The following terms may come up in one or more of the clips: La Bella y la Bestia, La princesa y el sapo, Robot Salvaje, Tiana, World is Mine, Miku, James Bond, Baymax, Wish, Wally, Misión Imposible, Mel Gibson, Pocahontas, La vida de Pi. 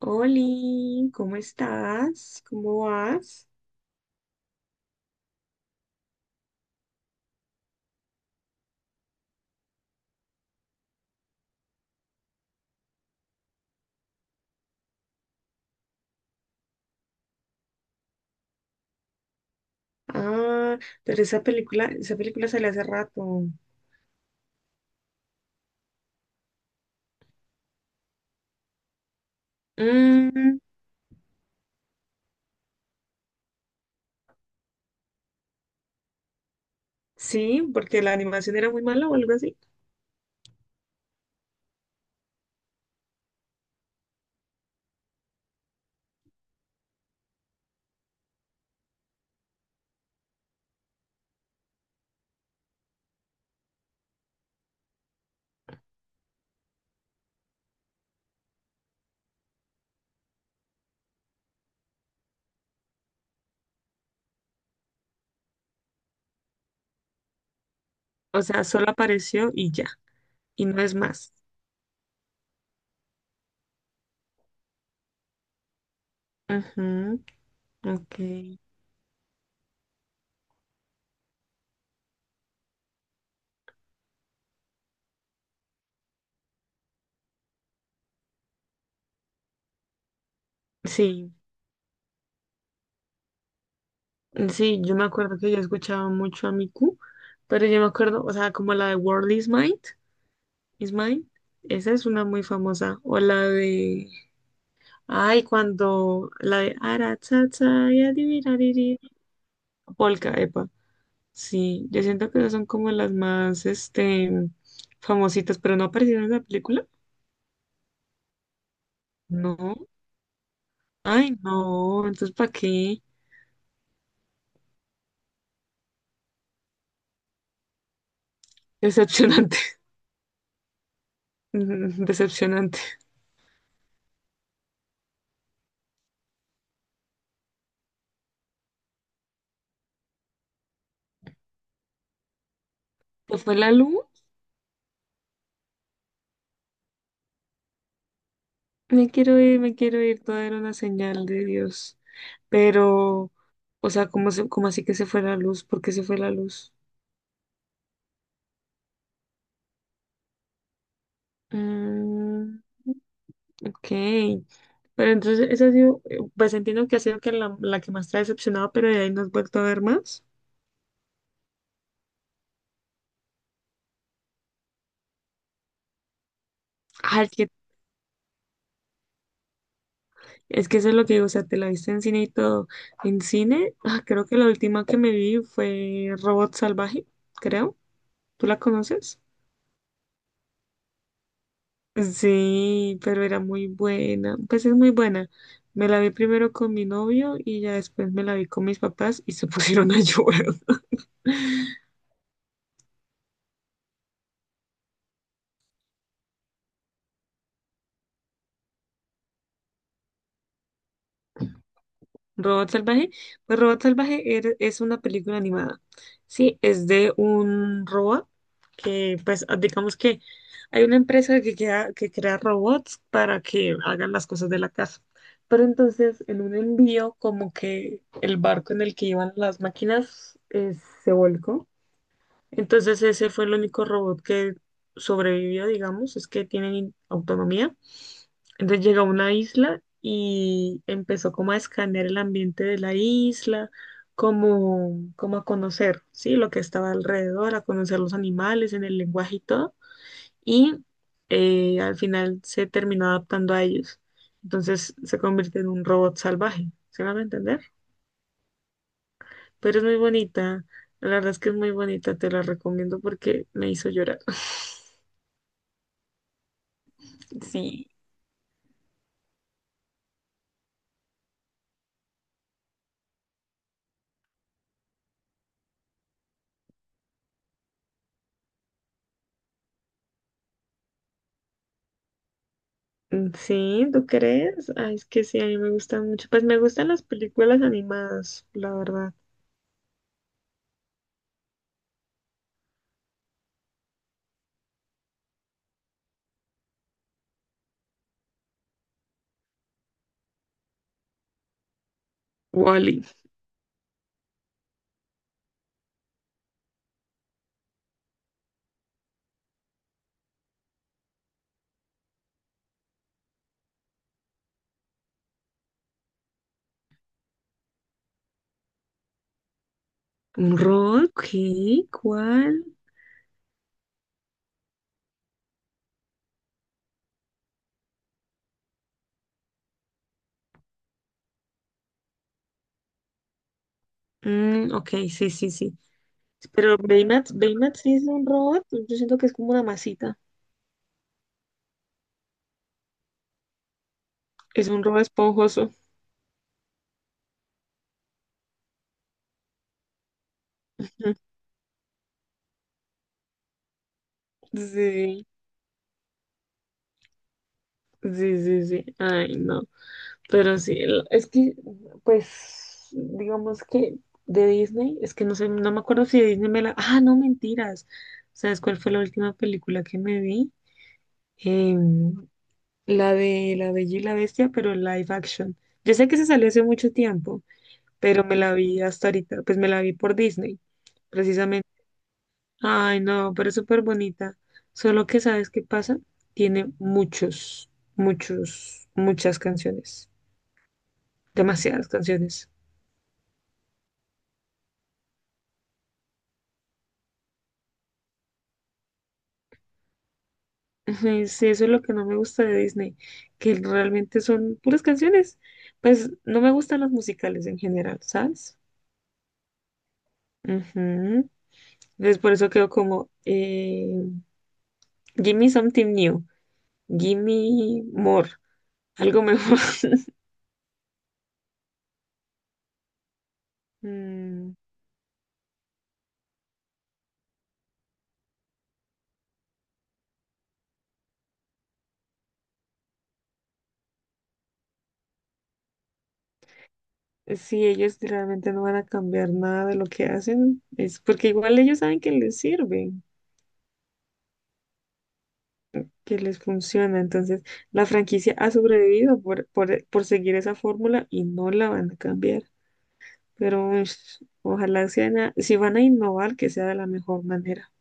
Oli, ¿cómo estás? ¿Cómo vas? Ah, pero esa película salió hace rato. Mm, sí, porque la animación era muy mala o algo así. O sea, solo apareció y ya, y no es más. Ujú, ok. Sí, sí, yo me acuerdo que yo escuchaba mucho a Miku, pero yo me acuerdo, o sea, como la de World is Mine, esa es una muy famosa, o la de ay, cuando la de ara, cha, cha, y adivinariri, Polka, epa. Sí, yo siento que esas son como las más, famositas, pero no aparecieron en la película. No. Ay, no, entonces ¿para qué? Decepcionante. Mm, decepcionante. ¿Se fue la luz? Me quiero ir, todo era una señal de Dios. Pero, o sea, ¿cómo, cómo así que se fue la luz? ¿Por qué se fue la luz? Mm, ok, pero entonces esa ha sido, pues entiendo que ha sido que la que más te ha decepcionado, pero de ahí no has vuelto a ver más. Ah, es que eso es lo que digo, o sea, te la viste en cine y todo. En cine, ah, creo que la última que me vi fue Robot Salvaje, creo. ¿Tú la conoces? Sí, pero era muy buena, pues es muy buena. Me la vi primero con mi novio y ya después me la vi con mis papás y se pusieron a llorar. Robot Salvaje. Pues Robot Salvaje es una película animada. Sí, es de un robot que, pues, ah, digamos que hay una empresa que crea robots para que hagan las cosas de la casa. Pero entonces, en un envío, como que el barco en el que iban las máquinas se volcó. Entonces ese fue el único robot que sobrevivió, digamos, es que tienen autonomía. Entonces llegó a una isla y empezó como a escanear el ambiente de la isla, como a conocer, ¿sí? Lo que estaba alrededor, a conocer los animales en el lenguaje y todo. Y al final se terminó adaptando a ellos. Entonces se convierte en un robot salvaje, ¿se van a entender? Pero es muy bonita. La verdad es que es muy bonita, te la recomiendo porque me hizo llorar. Sí. Sí, ¿tú crees? Ay, es que sí, a mí me gustan mucho. Pues me gustan las películas animadas, la verdad. Wally. ¿Un rock? ¿Qué? ¿Cuál? Mm, ok, sí, sí, sí. Pero Baymax, Baymax sí es un robot. Yo siento que es como una masita. Es un robot esponjoso. Sí, sí, sí, sí. Ay, no. Pero sí, es que, pues, digamos que de Disney, es que no sé, no me acuerdo si de Disney me la... Ah, no, mentiras. ¿Sabes cuál fue la última película que me vi? Em, la de La Bella y la Bestia, pero live action. Yo sé que se salió hace mucho tiempo, pero me la vi hasta ahorita, pues me la vi por Disney, precisamente. Ay, no, pero es súper bonita. Solo que, ¿sabes qué pasa? Tiene muchos, muchas canciones, demasiadas canciones. Ajá, sí, eso es lo que no me gusta de Disney, que realmente son puras canciones. Pues no me gustan los musicales en general, ¿sabes? Ujú. Entonces por eso quedo como, give me something new, give me more, algo mejor. Mm, sí, ellos realmente no van a cambiar nada de lo que hacen, es porque igual ellos saben que les sirve, que les funciona. Entonces la franquicia ha sobrevivido por seguir esa fórmula y no la van a cambiar. Pero ush, ojalá si van a innovar, que sea de la mejor manera.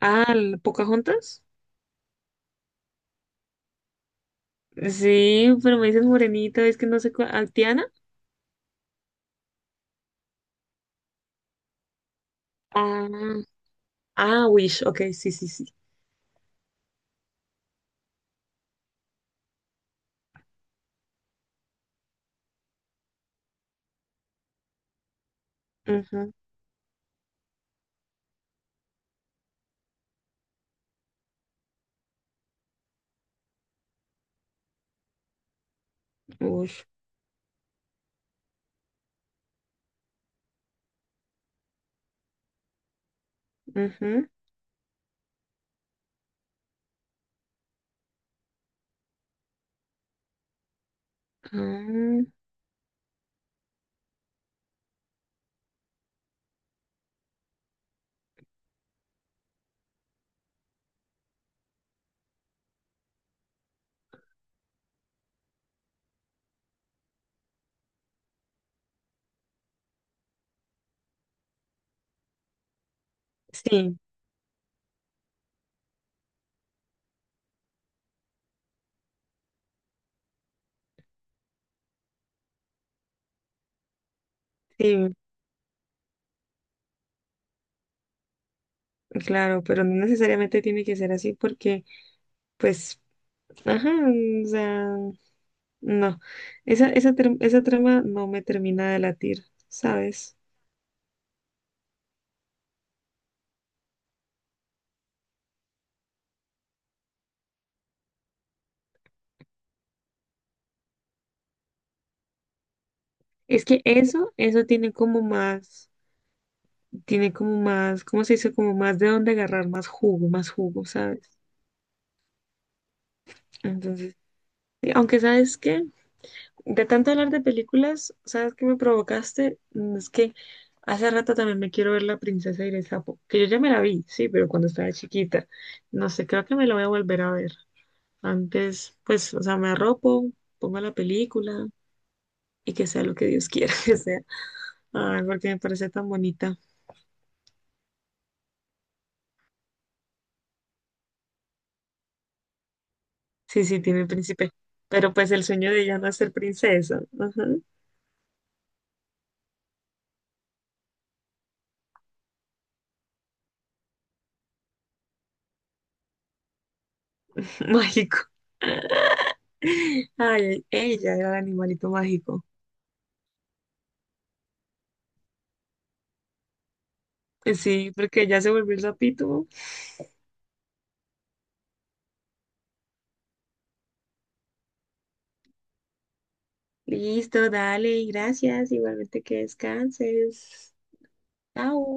Ah, ¿la ¿Pocahontas? Sí, pero me dices morenita, es que no sé cuál. ¿Ah, Tiana? Ah, ah, Wish, ok, sí, sí, sí. Ujú, Wish. Ujú, ah, sí, sí, claro, pero no necesariamente tiene que ser así porque, pues, ajá, o sea, no. Esa trama no me termina de latir, ¿sabes? Es que eso tiene como más. Tiene como más, ¿cómo se dice? Como más de dónde agarrar, más jugo, ¿sabes? Entonces, y aunque sabes que de tanto hablar de películas, ¿sabes qué me provocaste? Mm, es que hace rato también me quiero ver La princesa y el sapo, que yo ya me la vi, sí, pero cuando estaba chiquita, no sé, creo que me la voy a volver a ver. Antes, pues, o sea, me arropo, pongo la película y que sea lo que Dios quiera que sea. Ay, porque me parece tan bonita. Sí, sí, tiene príncipe. Pero pues el sueño de ella no es ser princesa. Ajá. Mágico. Ay, ella era el animalito mágico. Sí, porque ya se volvió el sapito. Listo, dale, gracias. Igualmente que descanses. Chao.